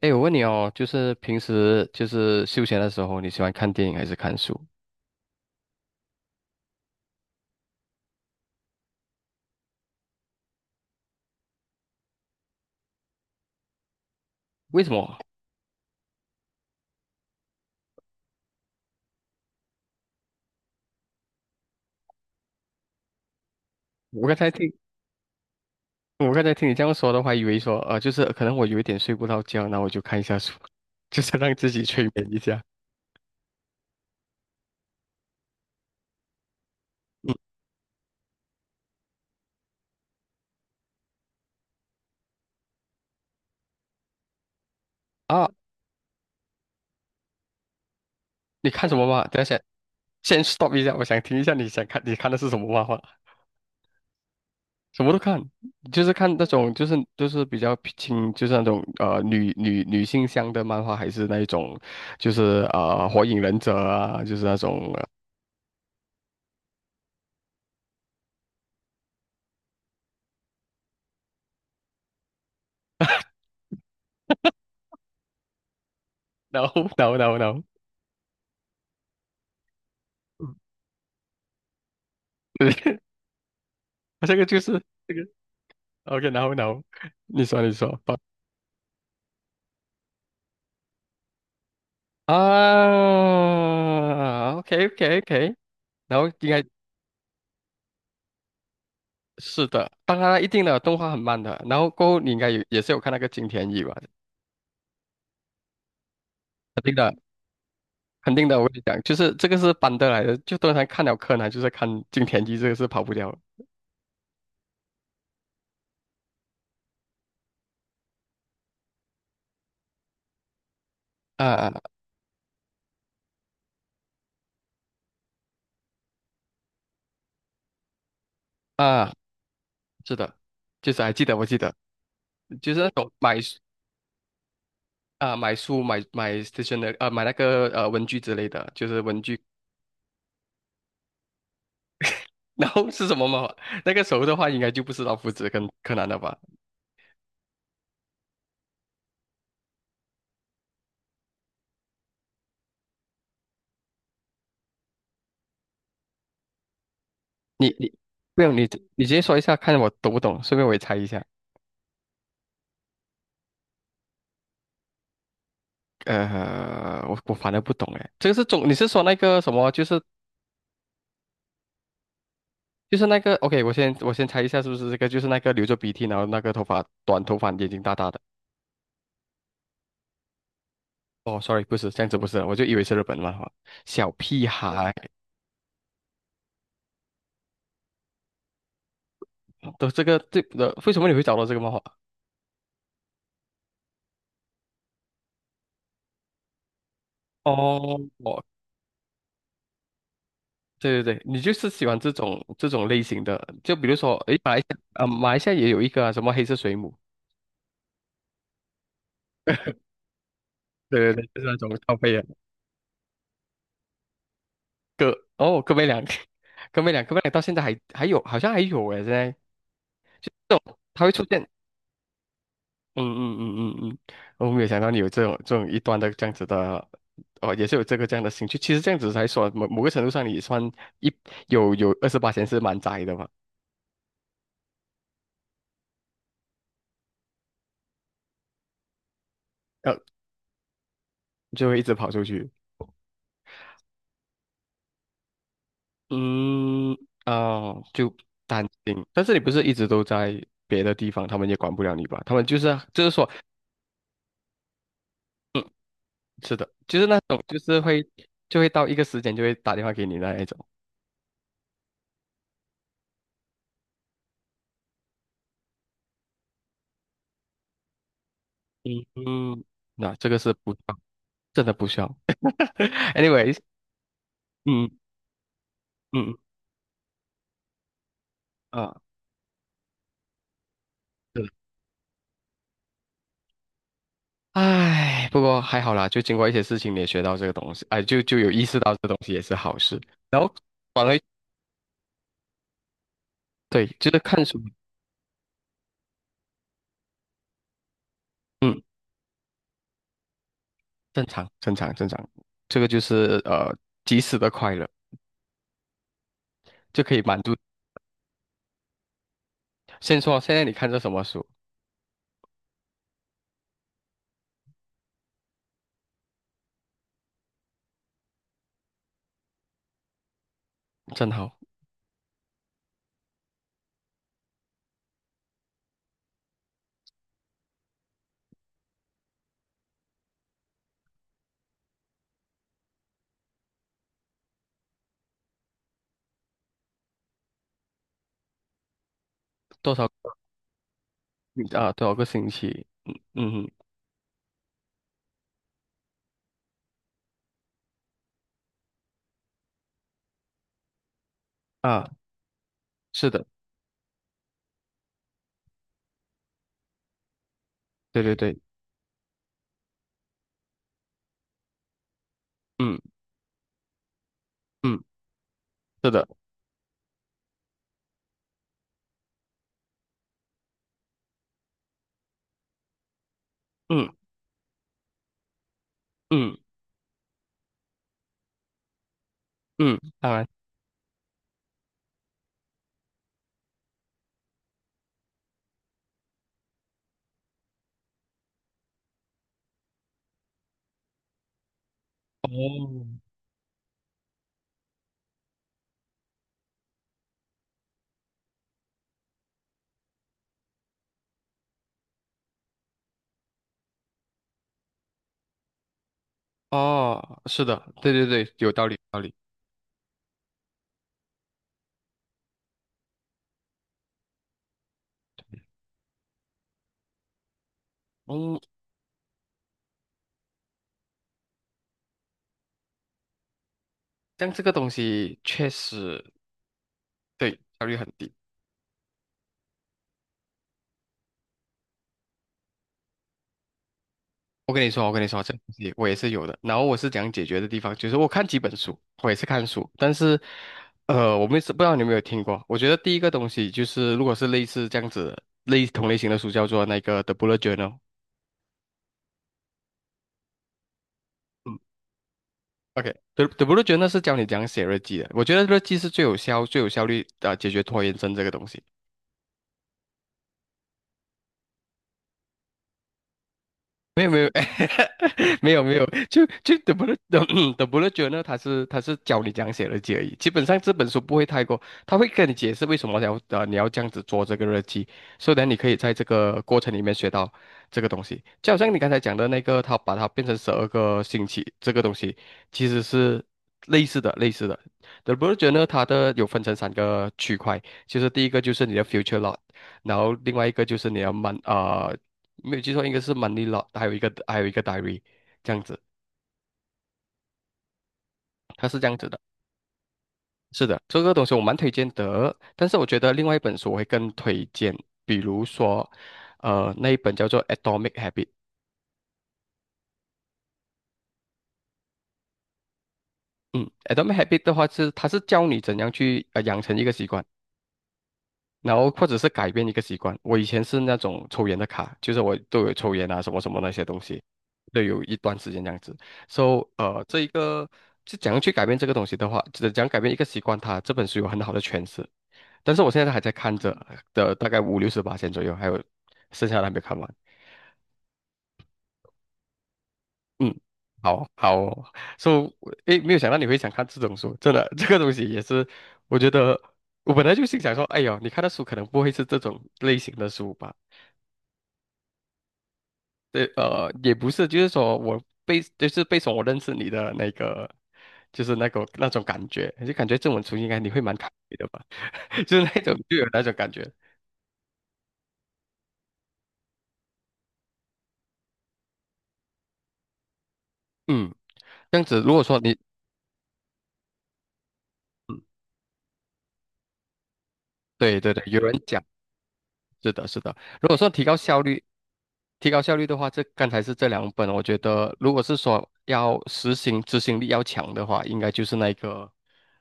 哎，我问你哦，就是平时就是休闲的时候，你喜欢看电影还是看书？为什么？我刚才听，我刚才听你这样说的话，以为说，就是可能我有一点睡不着觉，那我就看一下书，就是让自己催眠一下。嗯啊，你看什么嘛？等一下，先 stop 一下，我想听一下你看的是什么漫画？什么都看，就是看那种，就是比较轻，就是那种女性向的漫画，还是那一种，就是火影忍者啊，就是那种。No no,对，这个就是这个。OK,然后你说你说不啊，OK， 然后应该是的，当然一定的动画很慢的，然后过后你应该有也是有看那个金田一吧，肯定的肯定的，我跟你讲，就是这个是搬得来的，就通常看了柯南就是看金田一，这个是跑不掉的啊啊，啊是的，就是还记得我记得，就是那种买书啊买书买买 s t a t 买那个文具之类的，就是文具然后是什么吗？那个时候的话，应该就不是老夫子跟柯南了吧？你不用你你直接说一下，看我懂不懂，顺便我也猜一下。我反正不懂哎，这个是中，你是说那个什么？就是那个，OK,我先猜一下，是不是这个？就是那个流着鼻涕，然后那个头发眼睛大大的。哦，sorry,不是这样子，不是，我就以为是日本漫画。小屁孩哦都这个这的，为什么你会找到这个漫画？哦，对对对，你就是喜欢这种类型的，就比如说，诶，马来西亚也有一个啊什么黑色水母，对对对，就是那种靠背的哥，哦，哥妹俩，哥妹俩到现在还有，好像还有诶，现在这种它会出现，嗯嗯嗯嗯嗯，我没有想到你有这种一端的这样子的，哦，也是有这个这样的兴趣。其实这样子来说，某某个程度上，你也算一有二十八是蛮宅的嘛，呃，就会一直跑出去。嗯，哦，就担心，但是你不是一直都在别的地方，他们也管不了你吧？他们就是就是说，嗯，是的，就是那种就是会就会到一个时间就会打电话给你那一种，嗯嗯，那这个是不需要真的不需要。Anyways,嗯嗯嗯啊，是的，唉，不过还好啦，就经过一些事情你也学到这个东西，哎，就有意识到这东西也是好事，然后反而对，就是看书。嗯。正常，正常，正常，这个就是呃及时的快乐，就可以满足。先说现在你看这什么书，正好多少啊多少个星期，嗯嗯哼啊，是的，对对对，嗯嗯，是的，嗯嗯嗯，当然，哦哦，是的，对对对，有道理，有道理。嗯，像这个东西确实对效率很低。我跟你说，这个东西我也是有的。然后我是讲解决的地方，就是我看几本书，我也是看书，但是，我们是不知道你有没有听过。我觉得第一个东西就是，如果是类似这样子类同类型的书，叫做那个《The Bullet Journal》。嗯OK，The Bullet Journal 是教你怎样写日记的。我觉得日记是最有效、最有效率的解决拖延症这个东西。没有没有 没有没有，就就德布勒德 德布勒觉呢 是教你讲样写日记而已。基本上这本书不会太过，他会跟你解释为什么你要你要这样子做这个日记，所以呢你可以在这个过程里面学到这个东西。就好像你刚才讲的那个，他把它变成十二个星期这个东西，其实是类似的。德布勒觉呢，它的有分成三个区块，就是第一个就是你的 future lot,然后另外一个就是你的 没有记错，应该是 m o n e y l o a 还有一个 Diary,这样子，它是这样子的。是的，这个东西我蛮推荐的，但是我觉得另外一本书我会更推荐，比如说，那一本叫做《Atomic Habit》。嗯，《Atomic Habit》的话是它是教你怎样去养成一个习惯。然后或者是改变一个习惯。我以前是那种抽烟的卡，就是我都有抽烟啊，什么什么那些东西，都有一段时间这样子。So,这一个是怎样去改变这个东西的话，怎讲改变一个习惯它，这本书有很好的诠释。但是我现在还在看着的，大概五六十八千左右，还有剩下的还没看完。嗯，好好哦，So,诶，没有想到你会想看这种书，真的，这个东西也是，我觉得。我本来就心想说，哎呦，你看的书可能不会是这种类型的书吧？对，也不是，就是说就是被说我认识你的那个，就是那个那种感觉，就感觉这种出应该你会蛮开心的吧，就是那种就有那种感觉，嗯，这样子，如果说你，嗯，对对对，有人讲。是的，是的。如果说提高效率，提高效率的话，这刚才是这两本，我觉得如果是说要实行执行力要强的话，应该就是那个，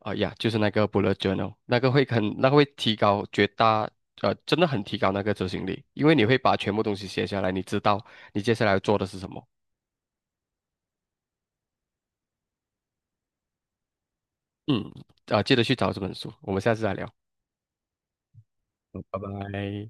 啊呀，就是那个 bullet journal,那个会很，那个会提高绝大，真的很提高那个执行力，因为你会把全部东西写下来，你知道你接下来要做的是什么。嗯，啊，记得去找这本书，我们下次再聊，好拜拜。